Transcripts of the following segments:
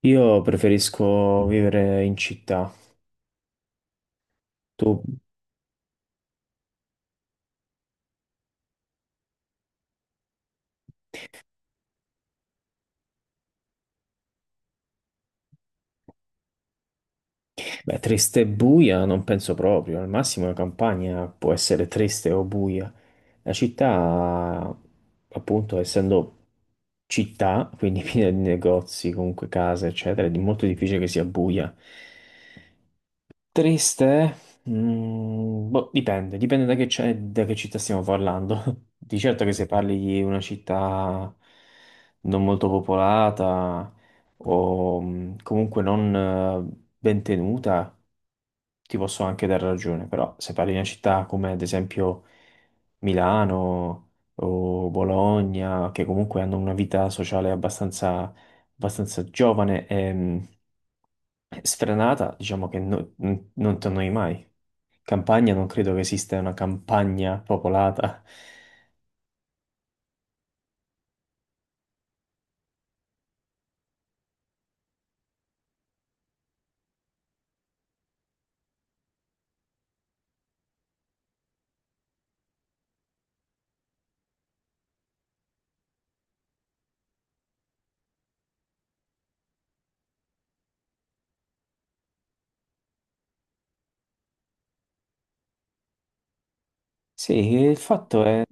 Io preferisco vivere in città. Tu, beh, triste e buia non penso proprio. Al massimo la campagna può essere triste o buia. La città, appunto, essendo città, quindi piena di negozi, comunque case, eccetera, è molto difficile che sia buia. Triste? Eh? Boh, dipende, dipende da che, da che città stiamo parlando. Di certo che se parli di una città non molto popolata o comunque non ben tenuta, ti posso anche dare ragione, però se parli di una città come ad esempio Milano o Bologna, che comunque hanno una vita sociale abbastanza, abbastanza giovane, sfrenata, diciamo che non ti annoi mai. Campagna, non credo che esista una campagna popolata. Sì, il fatto è.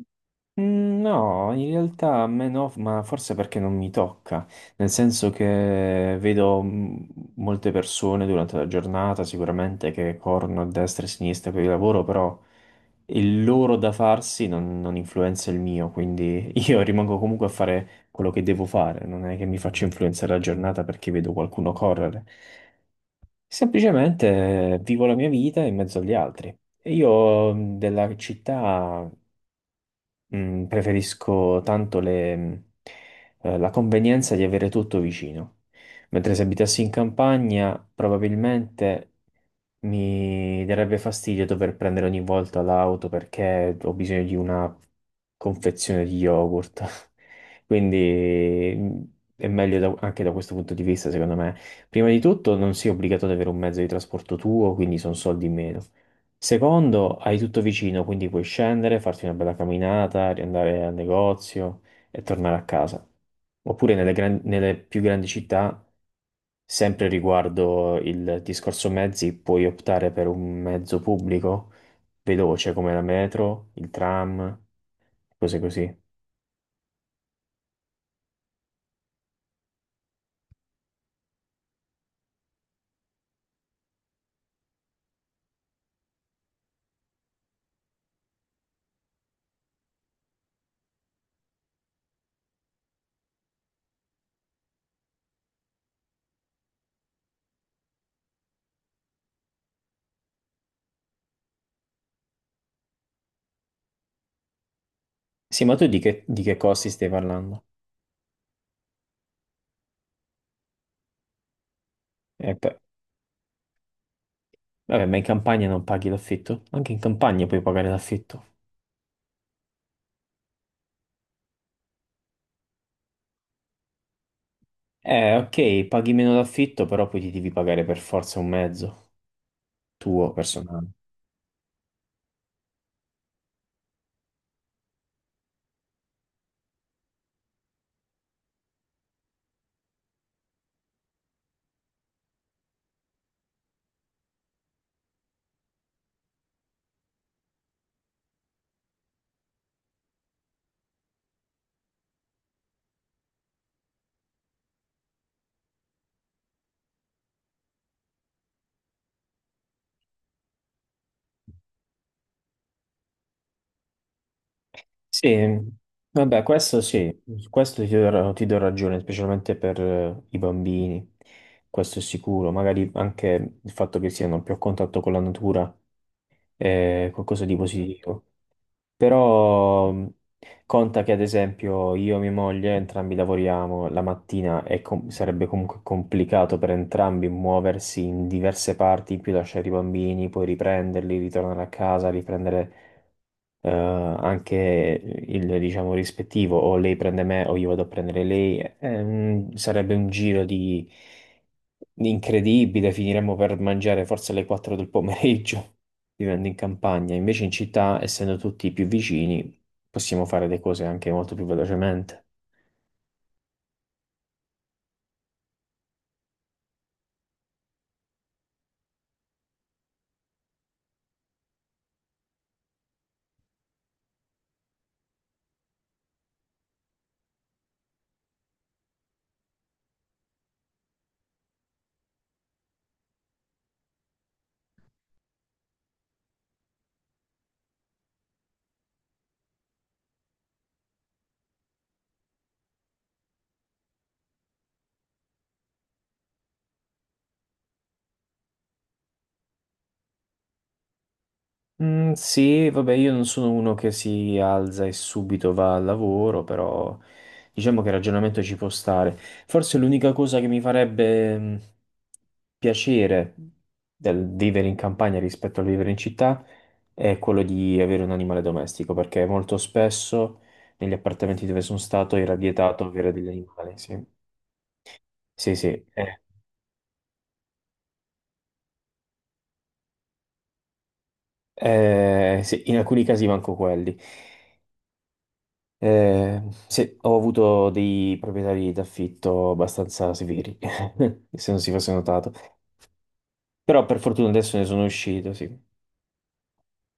No, in realtà a me no, ma forse perché non mi tocca, nel senso che vedo molte persone durante la giornata sicuramente che corrono a destra e a sinistra per il lavoro, però il loro da farsi non influenza il mio, quindi io rimango comunque a fare quello che devo fare, non è che mi faccio influenzare la giornata perché vedo qualcuno correre, semplicemente vivo la mia vita in mezzo agli altri. E io della città preferisco tanto la convenienza di avere tutto vicino, mentre se abitassi in campagna probabilmente mi darebbe fastidio dover prendere ogni volta l'auto perché ho bisogno di una confezione di yogurt. Quindi è meglio anche da questo punto di vista, secondo me. Prima di tutto, non sei obbligato ad avere un mezzo di trasporto tuo, quindi sono soldi in meno. Secondo, hai tutto vicino, quindi puoi scendere, farti una bella camminata, riandare al negozio e tornare a casa. Oppure nelle più grandi città, sempre riguardo il discorso mezzi, puoi optare per un mezzo pubblico veloce come la metro, il tram, cose così. Sì, ma tu di che costi stai parlando? E poi- Vabbè, ma in campagna non paghi l'affitto? Anche in campagna puoi pagare l'affitto. Ok, paghi meno d'affitto, però poi ti devi pagare per forza un mezzo tuo personale. Sì, vabbè, questo sì, su questo ti do ragione, specialmente per i bambini, questo è sicuro. Magari anche il fatto che siano più a contatto con la natura è qualcosa di positivo. Però conta che ad esempio io e mia moglie entrambi lavoriamo la mattina e sarebbe comunque complicato per entrambi muoversi in diverse parti, in più lasciare i bambini, poi riprenderli, ritornare a casa, riprendere anche il, diciamo, rispettivo, o lei prende me o io vado a prendere lei, è sarebbe un giro di incredibile, finiremmo per mangiare forse alle 4 del pomeriggio, vivendo in campagna. Invece in città, essendo tutti più vicini, possiamo fare le cose anche molto più velocemente. Sì, vabbè, io non sono uno che si alza e subito va al lavoro, però diciamo che il ragionamento ci può stare. Forse l'unica cosa che mi farebbe piacere del vivere in campagna rispetto al vivere in città è quello di avere un animale domestico, perché molto spesso negli appartamenti dove sono stato era vietato avere degli animali. Sì, sì, sì. Eh, sì, in alcuni casi manco quelli. Eh, sì, ho avuto dei proprietari d'affitto abbastanza severi, se non si fosse notato. Però per fortuna adesso ne sono uscito, sì.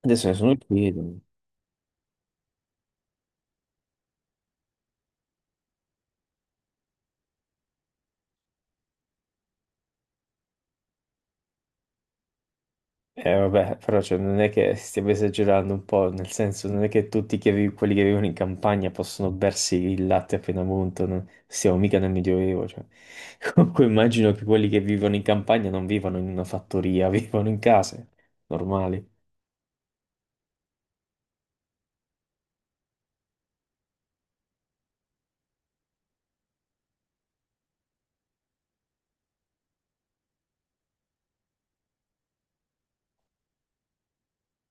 Adesso ne sono uscito. Vabbè, però cioè, non è che stiamo esagerando un po', nel senso, non è che quelli che vivono in campagna possono bersi il latte appena munto, siamo mica nel Medioevo, cioè. Comunque immagino che quelli che vivono in campagna non vivono in una fattoria, vivono in case normali.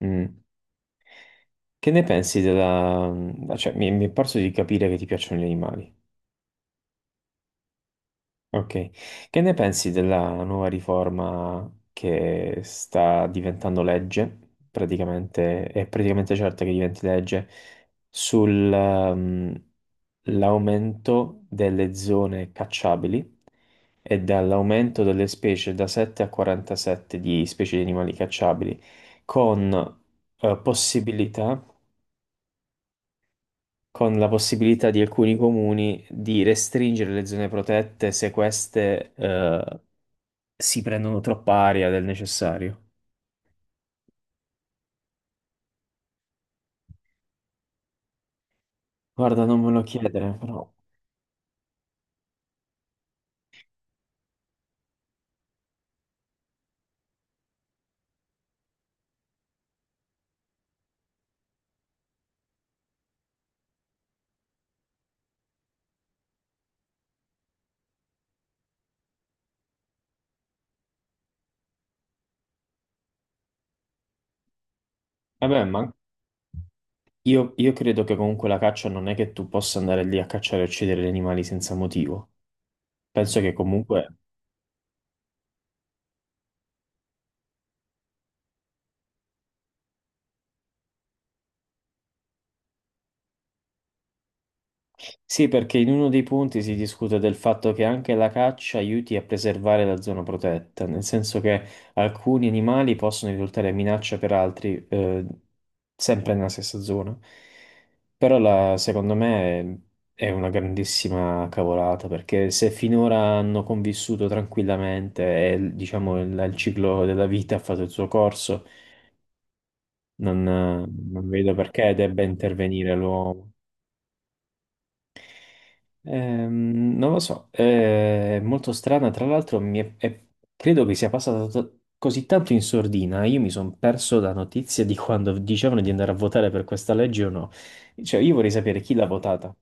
Mm. Che ne pensi della... mhmm, cioè, mi è parso di capire che ti piacciono gli animali. Ok. Che ne pensi della nuova riforma che sta diventando legge, praticamente, è praticamente certa che diventi legge, sull'aumento delle zone cacciabili e dall'aumento delle specie da 7 a 47 di specie di animali cacciabili, con possibilità con la possibilità di alcuni comuni di restringere le zone protette se queste si prendono troppa aria del necessario. Guarda, non me lo chiedere, però. Vabbè, ma io credo che comunque la caccia non è che tu possa andare lì a cacciare e uccidere gli animali senza motivo. Penso che comunque sì, perché in uno dei punti si discute del fatto che anche la caccia aiuti a preservare la zona protetta, nel senso che alcuni animali possono risultare minaccia per altri, sempre nella stessa zona. Secondo me è una grandissima cavolata, perché se finora hanno convissuto tranquillamente e diciamo il ciclo della vita ha fatto il suo corso, non vedo perché debba intervenire l'uomo. Non lo so, è molto strana. Tra l'altro, credo che sia passata così tanto in sordina. Io mi sono perso la notizia di quando dicevano di andare a votare per questa legge o no. Cioè, io vorrei sapere chi l'ha votata,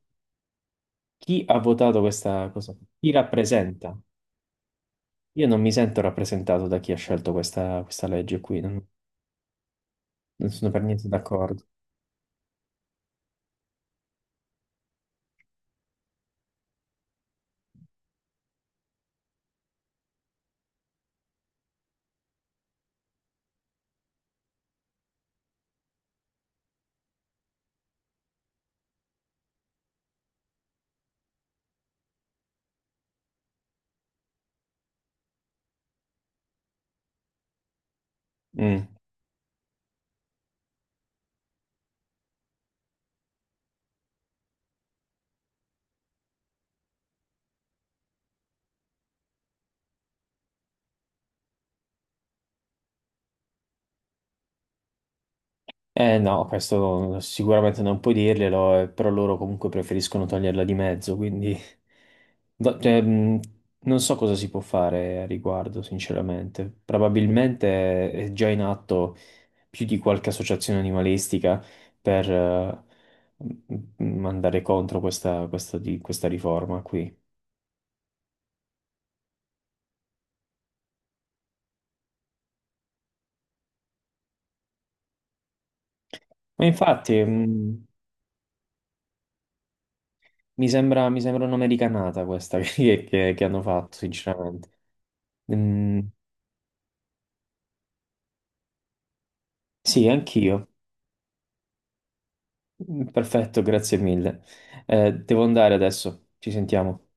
chi ha votato questa cosa, chi rappresenta. Io non mi sento rappresentato da chi ha scelto questa, questa legge qui, non, non sono per niente d'accordo. Mm. Eh no, questo sicuramente non puoi dirglielo, però loro comunque preferiscono toglierla di mezzo, quindi cioè, non so cosa si può fare a riguardo, sinceramente. Probabilmente è già in atto più di qualche associazione animalistica per andare contro questa, questa riforma qui. Ma infatti, mi sembra un'americanata questa che hanno fatto, sinceramente. Mm, sì, anch'io. Perfetto, grazie mille. Devo andare adesso, ci sentiamo.